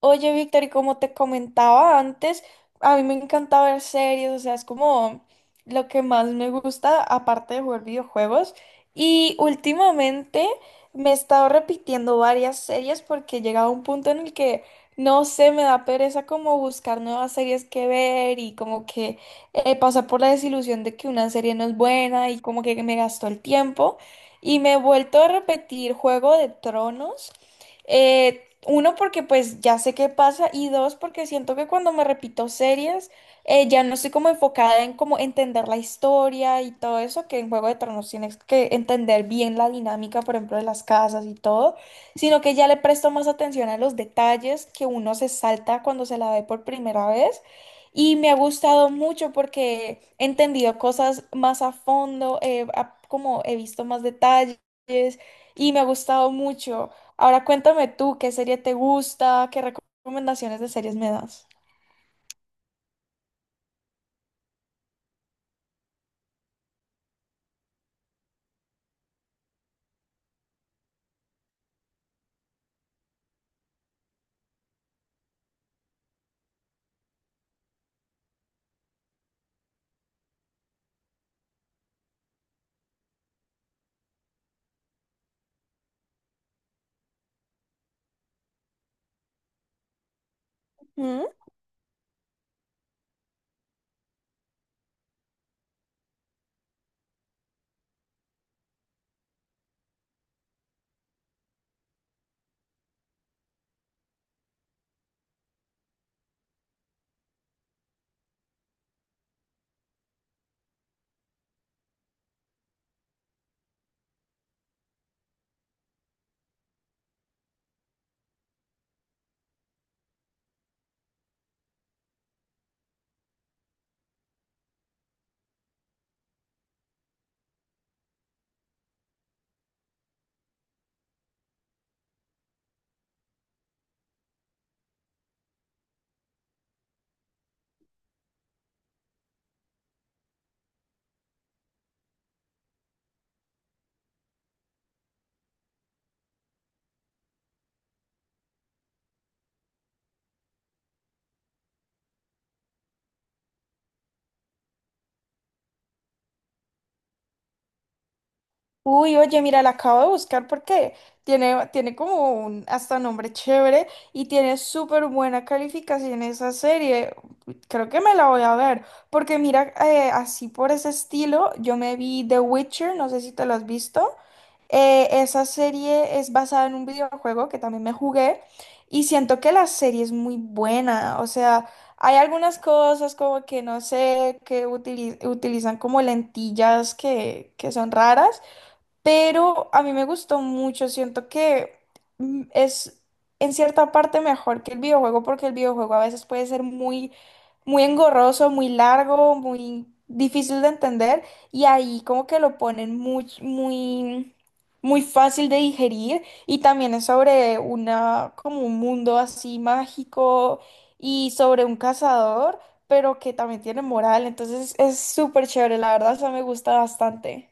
Oye, Víctor, y como te comentaba antes, a mí me encanta ver series, o sea, es como lo que más me gusta, aparte de jugar videojuegos. Y últimamente me he estado repitiendo varias series porque he llegado a un punto en el que, no sé, me da pereza como buscar nuevas series que ver y como que pasar por la desilusión de que una serie no es buena y como que me gastó el tiempo. Y me he vuelto a repetir Juego de Tronos. Uno, porque pues ya sé qué pasa y dos, porque siento que cuando me repito series, ya no estoy como enfocada en como entender la historia y todo eso, que en Juego de Tronos tienes que entender bien la dinámica, por ejemplo, de las casas y todo, sino que ya le presto más atención a los detalles que uno se salta cuando se la ve por primera vez. Y me ha gustado mucho porque he entendido cosas más a fondo, como he visto más detalles y me ha gustado mucho. Ahora cuéntame tú, ¿qué serie te gusta? ¿Qué recomendaciones de series me das? Ujú. Uy, oye, mira, la acabo de buscar porque tiene como un hasta nombre chévere y tiene súper buena calificación esa serie. Creo que me la voy a ver, porque mira, así por ese estilo, yo me vi The Witcher, no sé si te lo has visto. Esa serie es basada en un videojuego que también me jugué y siento que la serie es muy buena. O sea, hay algunas cosas como que no sé, que utilizan como lentillas que son raras, pero a mí me gustó mucho, siento que es en cierta parte mejor que el videojuego porque el videojuego a veces puede ser muy, muy engorroso, muy largo, muy difícil de entender y ahí como que lo ponen muy, muy, muy fácil de digerir y también es sobre como un mundo así mágico y sobre un cazador, pero que también tiene moral, entonces es súper chévere, la verdad, eso me gusta bastante.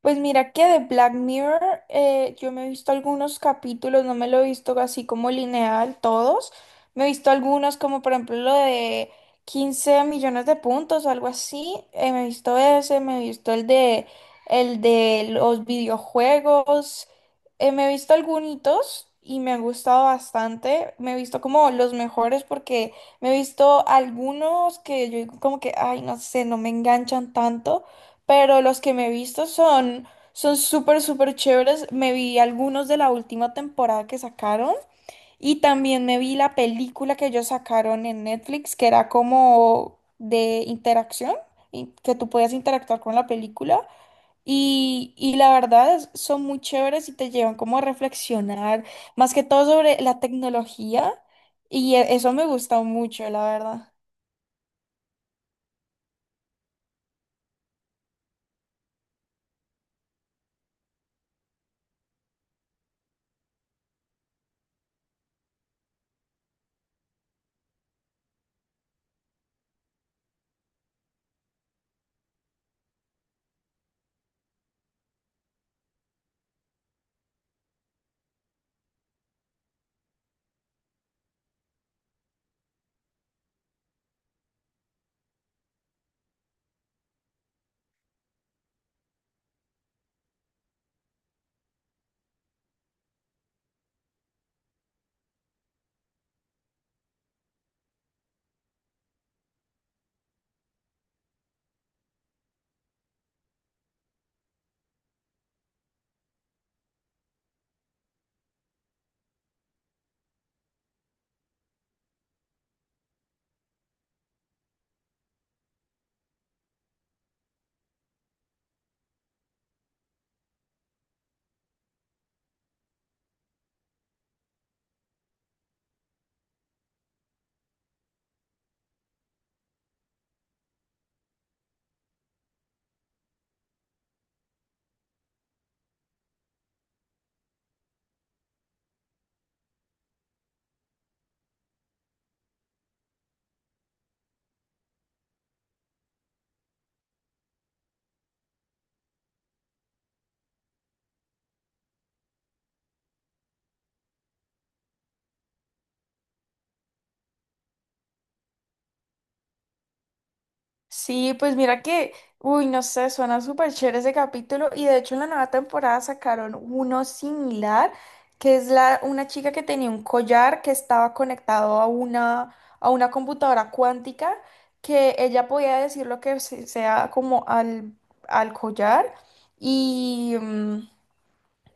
Pues mira que de Black Mirror yo me he visto algunos capítulos, no me lo he visto así como lineal todos. Me he visto algunos como por ejemplo lo de 15 millones de puntos o algo así. Me he visto ese, me he visto el de los videojuegos. Me he visto algunos y me han gustado bastante. Me he visto como los mejores porque me he visto algunos que yo digo como que, ay, no sé, no me enganchan tanto pero los que me he visto son son súper, súper chéveres. Me vi algunos de la última temporada que sacaron y también me vi la película que ellos sacaron en Netflix, que era como de interacción, y que tú podías interactuar con la película. Y la verdad son muy chéveres y te llevan como a reflexionar, más que todo sobre la tecnología. Eso me gusta mucho, la verdad. Sí, pues mira que, uy, no sé, suena súper chévere ese capítulo y de hecho en la nueva temporada sacaron uno similar, que es una chica que tenía un collar que estaba conectado a a una computadora cuántica, que ella podía decir lo que sea como al collar y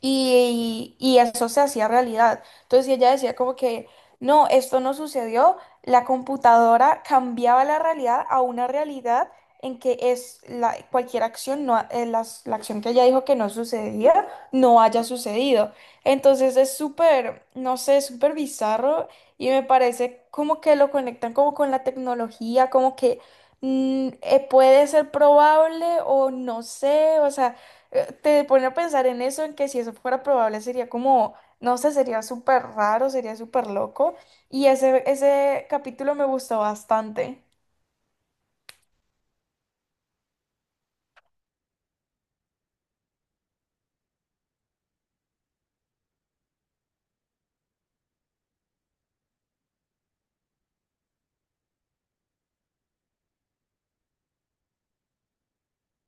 y eso se hacía realidad. Entonces ella decía como que, no, esto no sucedió, la computadora cambiaba la realidad a una realidad en que es la, cualquier acción, no, la acción que ella dijo que no sucedía, no haya sucedido. Entonces es súper, no sé, súper bizarro y me parece como que lo conectan como con la tecnología, como que puede ser probable o no sé, o sea te pone a pensar en eso, en que si eso fuera probable sería como, no sé, sería súper raro, sería súper loco. Ese capítulo me gustó bastante.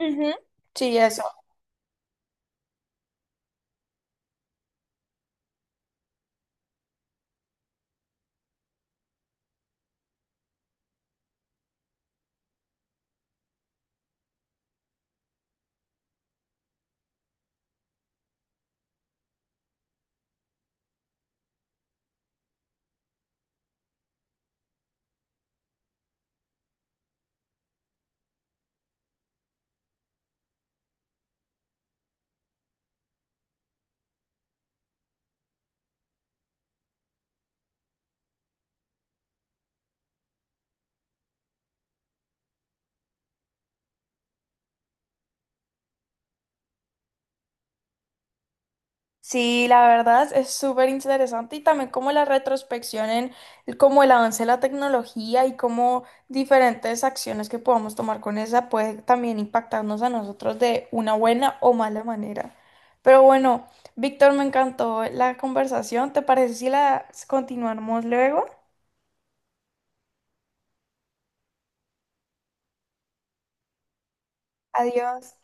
Ujú. Sí, eso. Sí, la verdad es súper interesante y también como la retrospección en como el avance de la tecnología y cómo diferentes acciones que podamos tomar con esa puede también impactarnos a nosotros de una buena o mala manera. Pero bueno, Víctor, me encantó la conversación. ¿Te parece si la continuamos luego? Adiós.